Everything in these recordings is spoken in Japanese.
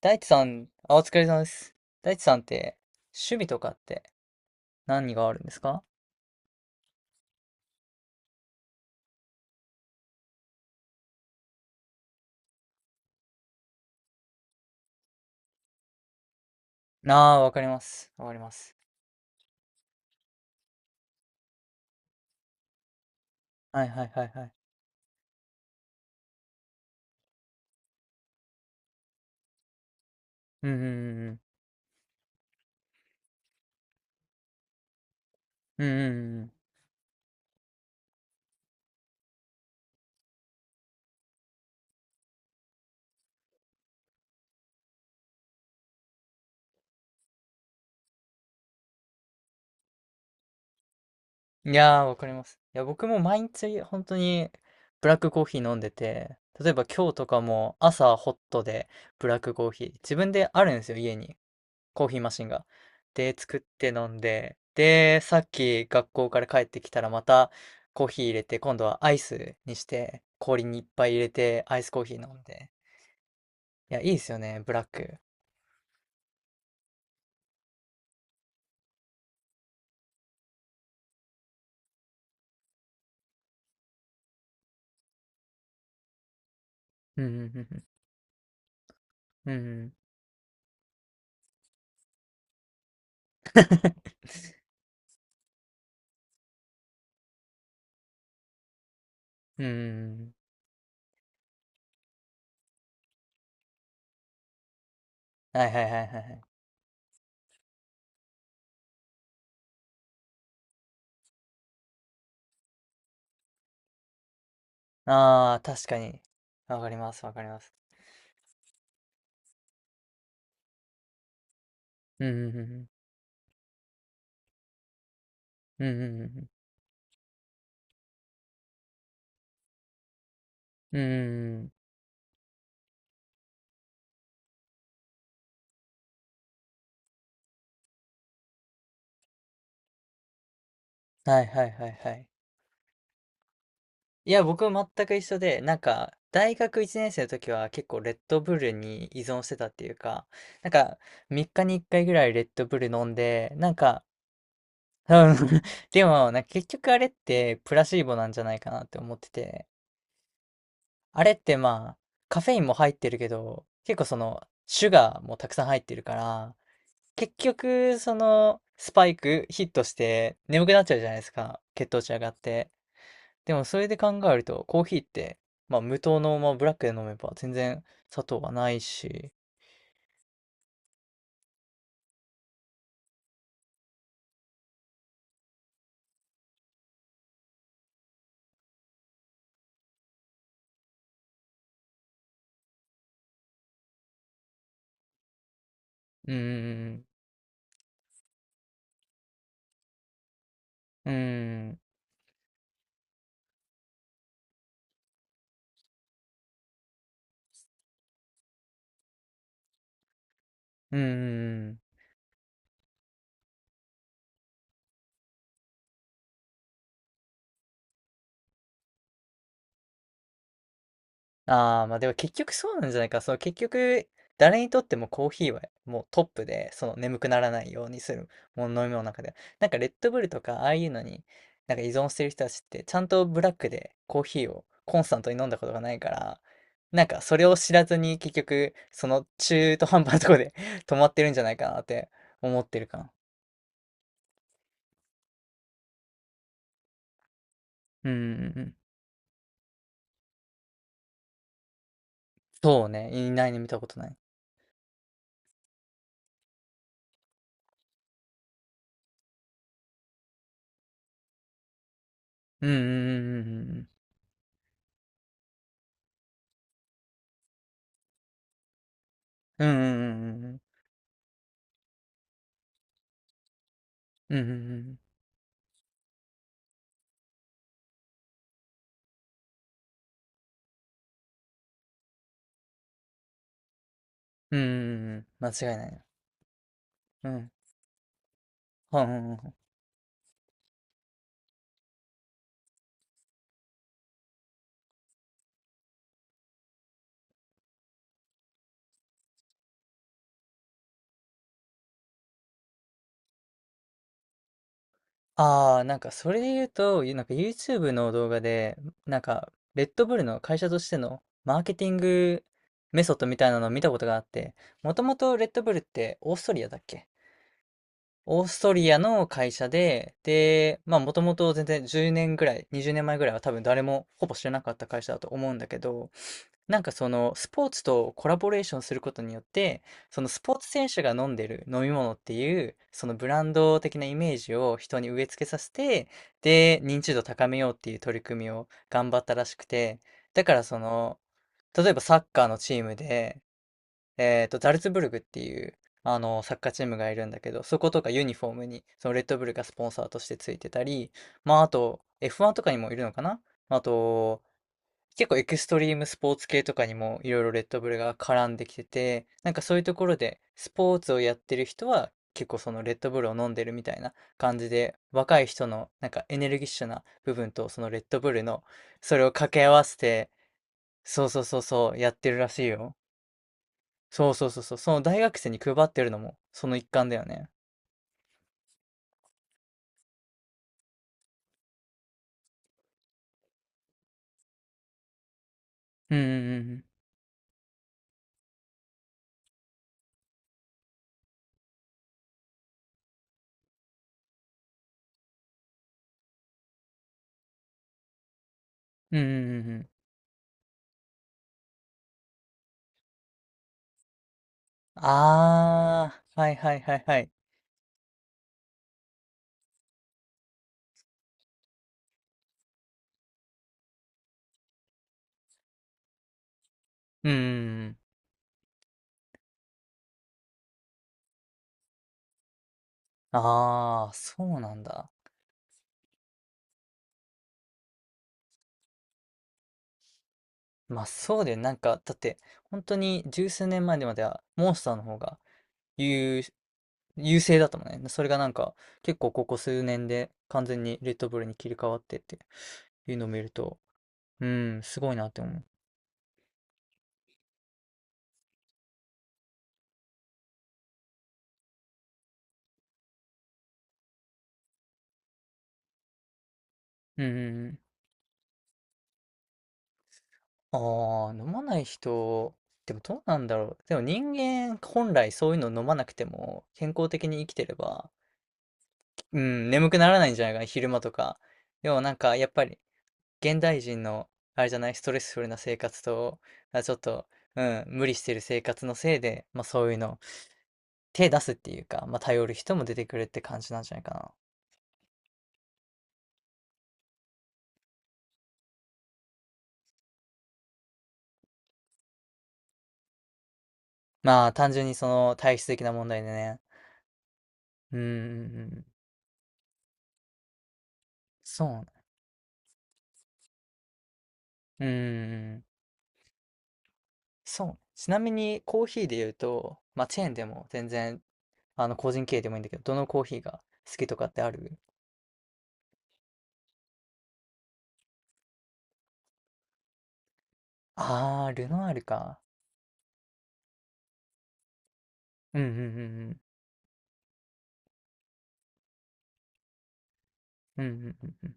大地さん、あ、お疲れ様です。大地さんって、趣味とかって何があるんですか？ああー、わかります。わかります。はいはいはいはい。うんうんうんうん。うんうんうん。いやー、わかります。いや、僕も毎日本当にブラックコーヒー飲んでて、例えば今日とかも朝ホットでブラックコーヒー、自分であるんですよ、家に。コーヒーマシンが。で、作って飲んで、で、さっき学校から帰ってきたらまたコーヒー入れて、今度はアイスにして、氷にいっぱい入れて、アイスコーヒー飲んで。いや、いいですよね、ブラック。うんうんうんうん。うんうん。うんうんうん。はいはいはいはいはい。ああ、確かに。わかります、わかります。うんうんうんうん。うんうんうんうん。うんうんうん。はいはいはいはい。いや、僕も全く一緒で、なんか、大学1年生の時は結構レッドブルに依存してたっていうか、なんか、3日に1回ぐらいレッドブル飲んで、なんか、うん。 でも、なんか結局あれってプラシーボなんじゃないかなって思ってて、あれってまあ、カフェインも入ってるけど、結構その、シュガーもたくさん入ってるから、結局、その、スパイクヒットして眠くなっちゃうじゃないですか、血糖値上がって。でもそれで考えると、コーヒーって、まあ無糖の、まあ、ブラックで飲めば全然砂糖はないし、うーん、うーん、うーん、ああ、まあでも結局そうなんじゃないか。その結局、誰にとってもコーヒーはもうトップで、その眠くならないようにするもの、飲み物の中では。なんかレッドブルとか、ああいうのに、なんか依存してる人たちって、ちゃんとブラックでコーヒーをコンスタントに飲んだことがないから、なんかそれを知らずに結局、その中途半端なとこで 止まってるんじゃないかなって思ってるかな。うんうんうんうん。そうね。いないね、見たことない。うんうんうんうんうんうん。うんうんうんうんうん。うんうんうんうん。間違いないね。うん。はんはんはんはん。ああ、なんかそれで言うと、なんか YouTube の動画で、なんか、レッドブルの会社としてのマーケティングメソッドみたいなのを見たことがあって、もともとレッドブルってオーストリアだっけ？オーストリアの会社で、で、まあもともと全然10年ぐらい、20年前ぐらいは多分誰もほぼ知らなかった会社だと思うんだけど、なんかそのスポーツとコラボレーションすることによって、そのスポーツ選手が飲んでる飲み物っていう、そのブランド的なイメージを人に植え付けさせて、で、認知度高めようっていう取り組みを頑張ったらしくて、だからその、例えばサッカーのチームで、ザルツブルグっていう、あの、サッカーチームがいるんだけど、そことかユニフォームに、そのレッドブルがスポンサーとしてついてたり、まあ、あと、F1 とかにもいるのかな？まあと、結構エクストリームスポーツ系とかにもいろいろレッドブルが絡んできてて、なんかそういうところでスポーツをやってる人は結構そのレッドブルを飲んでるみたいな感じで、若い人のなんかエネルギッシュな部分とそのレッドブルのそれを掛け合わせて、そうそうそうそうやってるらしいよ。そうそうそうそう、その大学生に配ってるのもその一環だよね。うんうんうんうん。うんうんうんうん。ああ、はいはいはいはい。うんうんうん。ああ、そうなんだ。まあそうだよ。なんか、だって、本当に十数年前までは、モンスターの方が優、優勢だったもんね。それがなんか、結構ここ数年で完全にレッドブルに切り替わってっていうのを見ると、うん、すごいなって思う。うんうんうん。ああ、飲まない人、でもどうなんだろう。でも人間本来そういうの飲まなくても健康的に生きてれば、うん、眠くならないんじゃないかな、昼間とか。でもなんかやっぱり現代人の、あれじゃない、ストレスフルな生活と、あ、ちょっと、うん、無理してる生活のせいで、まあそういうの、手出すっていうか、まあ頼る人も出てくるって感じなんじゃないかな。まあ単純にその体質的な問題でね。うん、うんうん、そうね。うんうんうん、そううんうんんそうちなみにコーヒーで言うと、まあチェーンでも全然、あの個人経営でもいいんだけど、どのコーヒーが好きとかってある？あー、ルノアールか。うんうんうんうん。うんうんうんうん。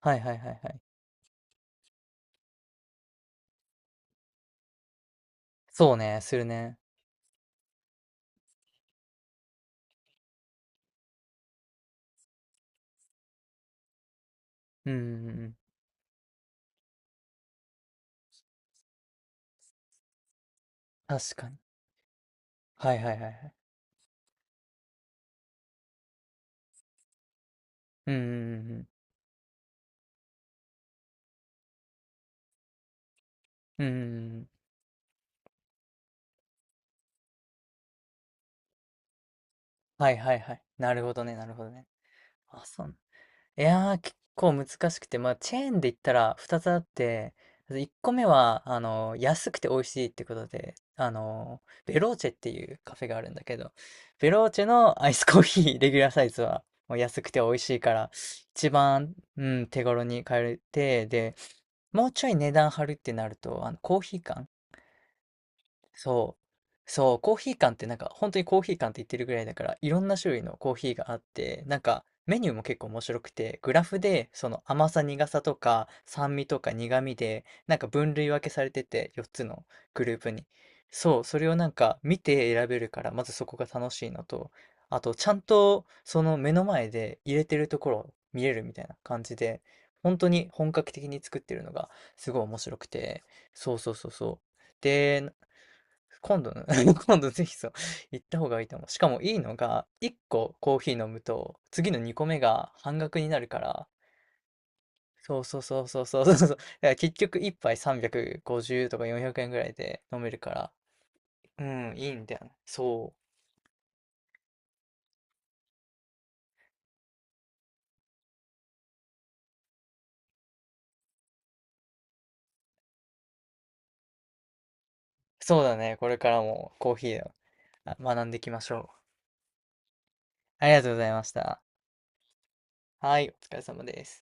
はいはいはいはい。そうね、するね。うんうんうん、確かに。はいはいはいはい。うんうんうんうん。うんうんうん。はいはいはい。なるほどね、なるほどね。あ、そう。いやー、結構難しくて、まあ、チェーンで言ったら2つあって、1個目は、あの、安くて美味しいってことで、あの、ベローチェっていうカフェがあるんだけど、ベローチェのアイスコーヒー、レギュラーサイズは、もう安くて美味しいから、一番、うん、手頃に買えて、で、もうちょい値段張るってなると、あの、コーヒー缶。そう。そう、コーヒー缶って、なんか本当にコーヒー缶って言ってるぐらいだから、いろんな種類のコーヒーがあって、なんかメニューも結構面白くて、グラフでその甘さ苦さとか酸味とか苦味でなんか分類分けされてて、4つのグループに。そう、それをなんか見て選べるから、まずそこが楽しいのと、あとちゃんとその目の前で入れてるところを見れるみたいな感じで、本当に本格的に作ってるのがすごい面白くて。そうそうそうそう。で、今度の 今度ぜひそう、行った方がいいと思う。しかもいいのが、1個コーヒー飲むと、次の2個目が半額になるから、そうそうそうそうそうそうそう。だから結局1杯350とか400円ぐらいで飲めるから、うん、いいんだよね。そう。そうだね。これからもコーヒーを学んでいきましょう。ありがとうございました。はい、お疲れ様です。